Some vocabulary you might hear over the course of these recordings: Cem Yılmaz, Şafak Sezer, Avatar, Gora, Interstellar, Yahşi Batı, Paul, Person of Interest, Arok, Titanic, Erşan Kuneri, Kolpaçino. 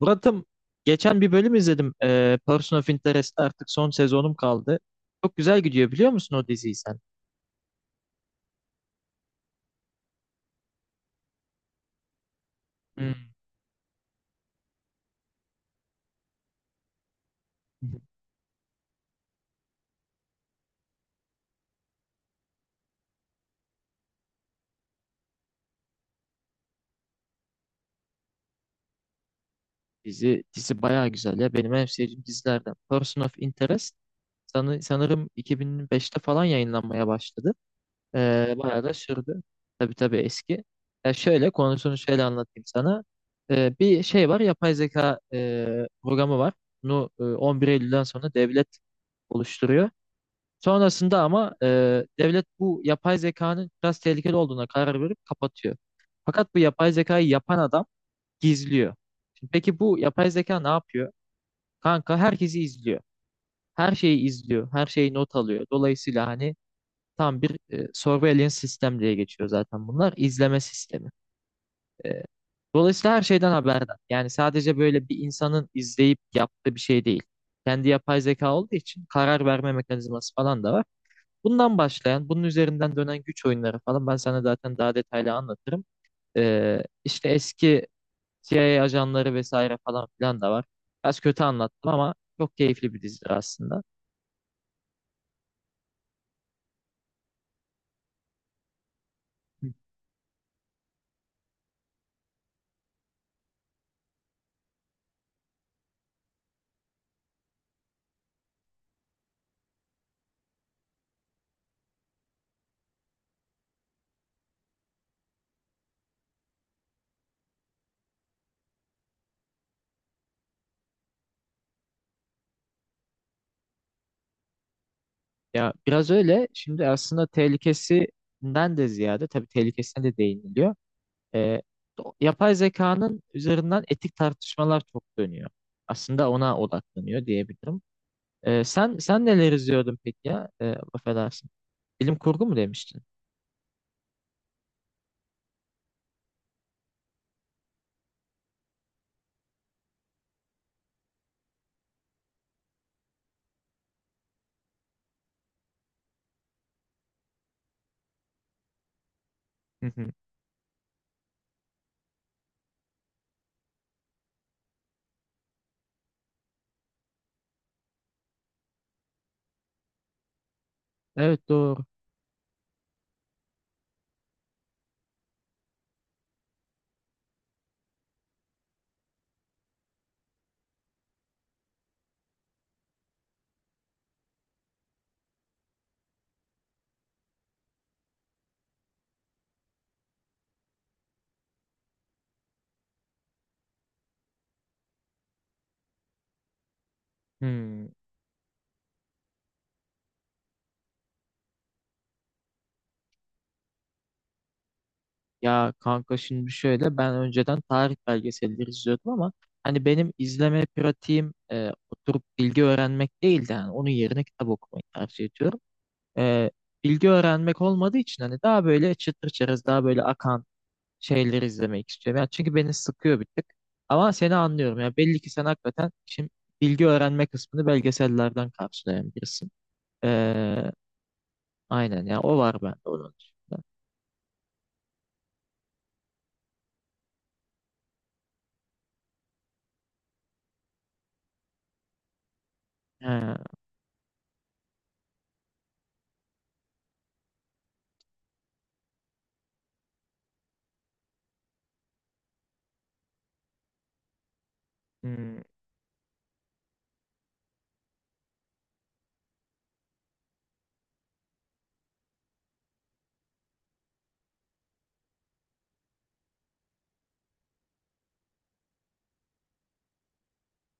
Murat'ım geçen bir bölüm izledim. Person of Interest'te artık son sezonum kaldı. Çok güzel gidiyor biliyor musun o diziyi sen? Hmm. Dizi bayağı güzel ya. Benim en sevdiğim dizilerden. Person of Interest sanırım 2005'te falan yayınlanmaya başladı. Bayağı da sürdü. Tabii tabii eski. Ya şöyle konusunu şöyle anlatayım sana. Bir şey var yapay zeka programı var. Bunu 11 Eylül'den sonra devlet oluşturuyor. Sonrasında ama devlet bu yapay zekanın biraz tehlikeli olduğuna karar verip kapatıyor. Fakat bu yapay zekayı yapan adam gizliyor. Şimdi peki bu yapay zeka ne yapıyor? Kanka herkesi izliyor. Her şeyi izliyor. Her şeyi not alıyor. Dolayısıyla hani tam bir surveillance sistem diye geçiyor zaten bunlar. İzleme sistemi. E, Dolayısıyla her şeyden haberdar. Yani sadece böyle bir insanın izleyip yaptığı bir şey değil. Kendi yapay zeka olduğu için karar verme mekanizması falan da var. Bundan başlayan, bunun üzerinden dönen güç oyunları falan ben sana zaten daha detaylı anlatırım. İşte eski CIA ajanları vesaire falan filan da var. Biraz kötü anlattım ama çok keyifli bir dizidir aslında. Hı. Ya biraz öyle. Şimdi aslında tehlikesinden de ziyade tabii tehlikesine de değiniliyor. Ee, Yapay zekanın üzerinden etik tartışmalar çok dönüyor. Aslında ona odaklanıyor diyebilirim. Sen neler izliyordun peki ya? Affedersin. Bilim kurgu mu demiştin? Hı hı. Evet doğru. Hmm. Ya kanka şimdi şöyle ben önceden tarih belgeselleri izliyordum ama hani benim izleme pratiğim oturup bilgi öğrenmek değildi. Yani onun yerine kitap okumayı tercih ediyorum. E, Bilgi öğrenmek olmadığı için hani daha böyle çıtır çerez daha böyle akan şeyleri izlemek istiyorum. Yani çünkü beni sıkıyor bir tık. Ama seni anlıyorum. Ya belli ki sen hakikaten şimdi bilgi öğrenme kısmını belgesellerden karşılayan birisin. E, aynen ya o var bende onun dışında. He, hmm,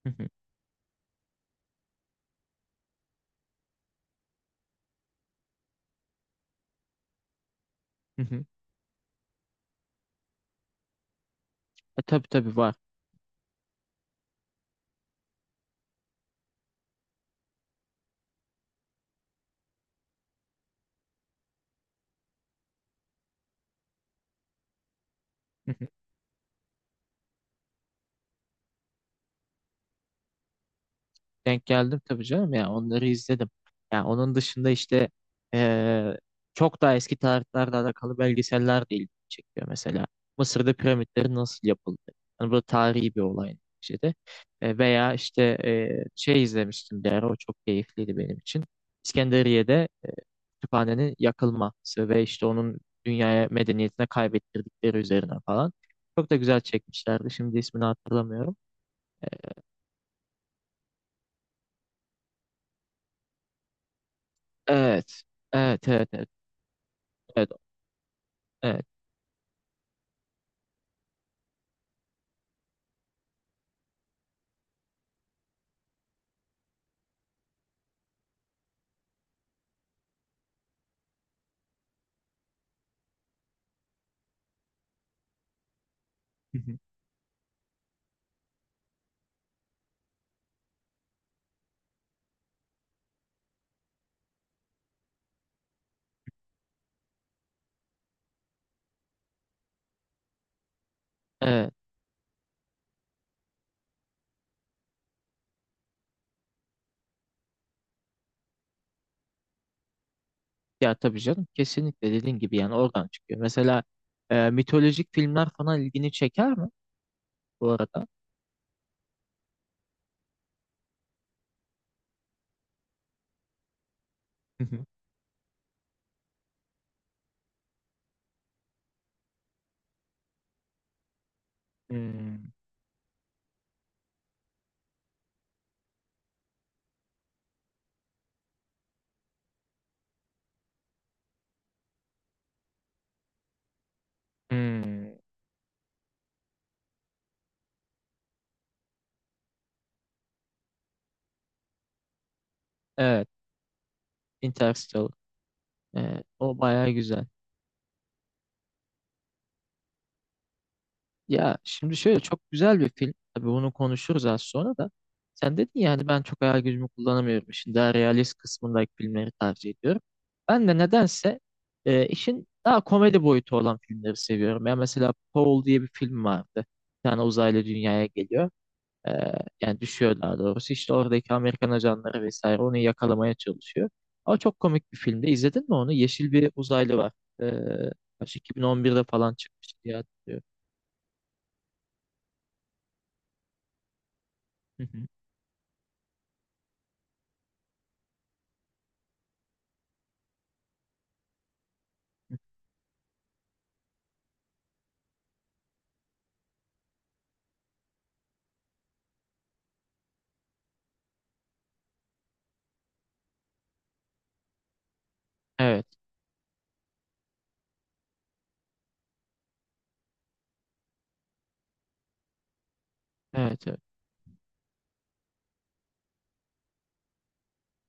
hı hı, hı hı. Tabii tabii var. Hı hı. Denk geldim tabii canım ya onları izledim. Ya onun dışında işte eee, çok daha eski tarihlerle alakalı belgeseller de ilgimi çekiyor mesela. Mısır'da piramitlerin nasıl yapıldı? Hani bu tarihi bir olay şeyde. Veya işte şey izlemiştim bir ara o çok keyifliydi benim için. İskenderiye'de kütüphanenin yakılması ve işte onun dünyaya medeniyetine kaybettirdikleri üzerine falan. Çok da güzel çekmişlerdi. Şimdi ismini hatırlamıyorum. E, Evet. Evet, evet, evet. Evet, evet, hı hı, evet. Ya tabii canım kesinlikle dediğin gibi yani oradan çıkıyor. Mesela mitolojik filmler falan ilgini çeker mi bu arada? Hı hı. Hmm, hmm, Evet, Interstellar. O bayağı güzel. Ya şimdi şöyle çok güzel bir film. Tabii bunu konuşuruz az sonra da. Sen dedin ya hani ben çok hayal gücümü kullanamıyorum. Şimdi daha realist kısmındaki filmleri tercih ediyorum. Ben de nedense işin daha komedi boyutu olan filmleri seviyorum. Ya mesela Paul diye bir film vardı. Bir tane uzaylı dünyaya geliyor. E, Yani düşüyor daha doğrusu. İşte oradaki Amerikan ajanları vesaire onu yakalamaya çalışıyor. Ama çok komik bir filmde. İzledin mi onu? Yeşil bir uzaylı var. E, kaç, 2011'de falan çıkmış diye hatırlıyorum. Hı hı. Evet. Evet, evet,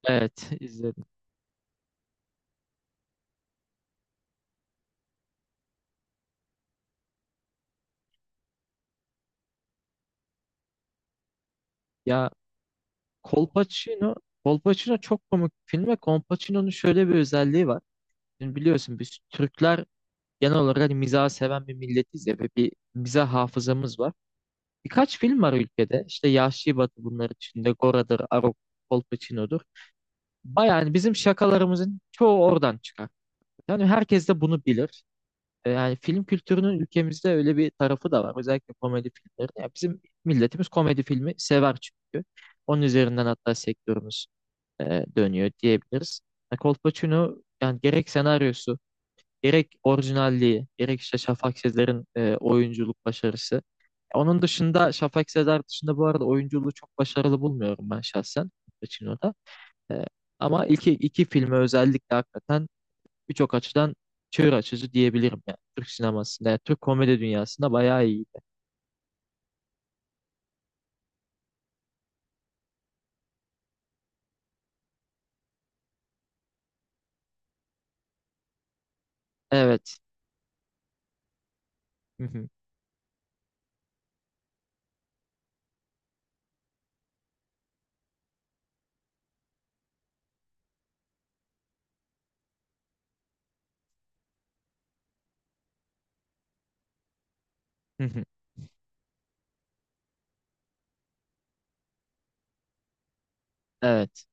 Evet, izledim. Ya Kolpaçino, Kolpaçino çok komik bir film ve Kolpaçino'nun şöyle bir özelliği var. Şimdi biliyorsun biz Türkler genel olarak hani mizahı seven bir milletiz ya ve bir mizah hafızamız var. Birkaç film var ülkede. İşte Yahşi Batı bunlar içinde. Gora'dır, Arok, Kolpaçino'dur. Bayağı yani bizim şakalarımızın çoğu oradan çıkar. Yani herkes de bunu bilir. Yani film kültürünün ülkemizde öyle bir tarafı da var. Özellikle komedi filmleri. Ya bizim milletimiz komedi filmi sever çünkü. Onun üzerinden hatta sektörümüz dönüyor diyebiliriz. Kolpaçino yani gerek senaryosu, gerek orijinalliği, gerek işte Şafak Sezer'in oyunculuk başarısı. Onun dışında Şafak Sezer dışında bu arada oyunculuğu çok başarılı bulmuyorum ben şahsen Kolpaçino'da. E, ama iki filmi özellikle hakikaten birçok açıdan çığır açıcı diyebilirim yani Türk sinemasında. Yani Türk komedi dünyasında bayağı iyi. Evet. Hı hı. Hı hı. Evet.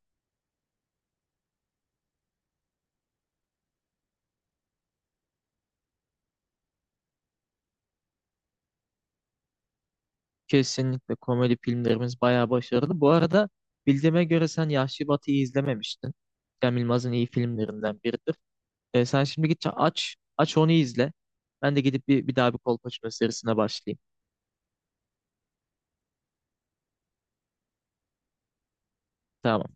Kesinlikle komedi filmlerimiz bayağı başarılı. Bu arada bildiğime göre sen Yahşi Batı'yı izlememiştin. Cem Yılmaz'ın iyi filmlerinden biridir. Sen şimdi git aç aç onu izle. Ben de gidip bir daha bir Kolpaçino serisine başlayayım. Tamam.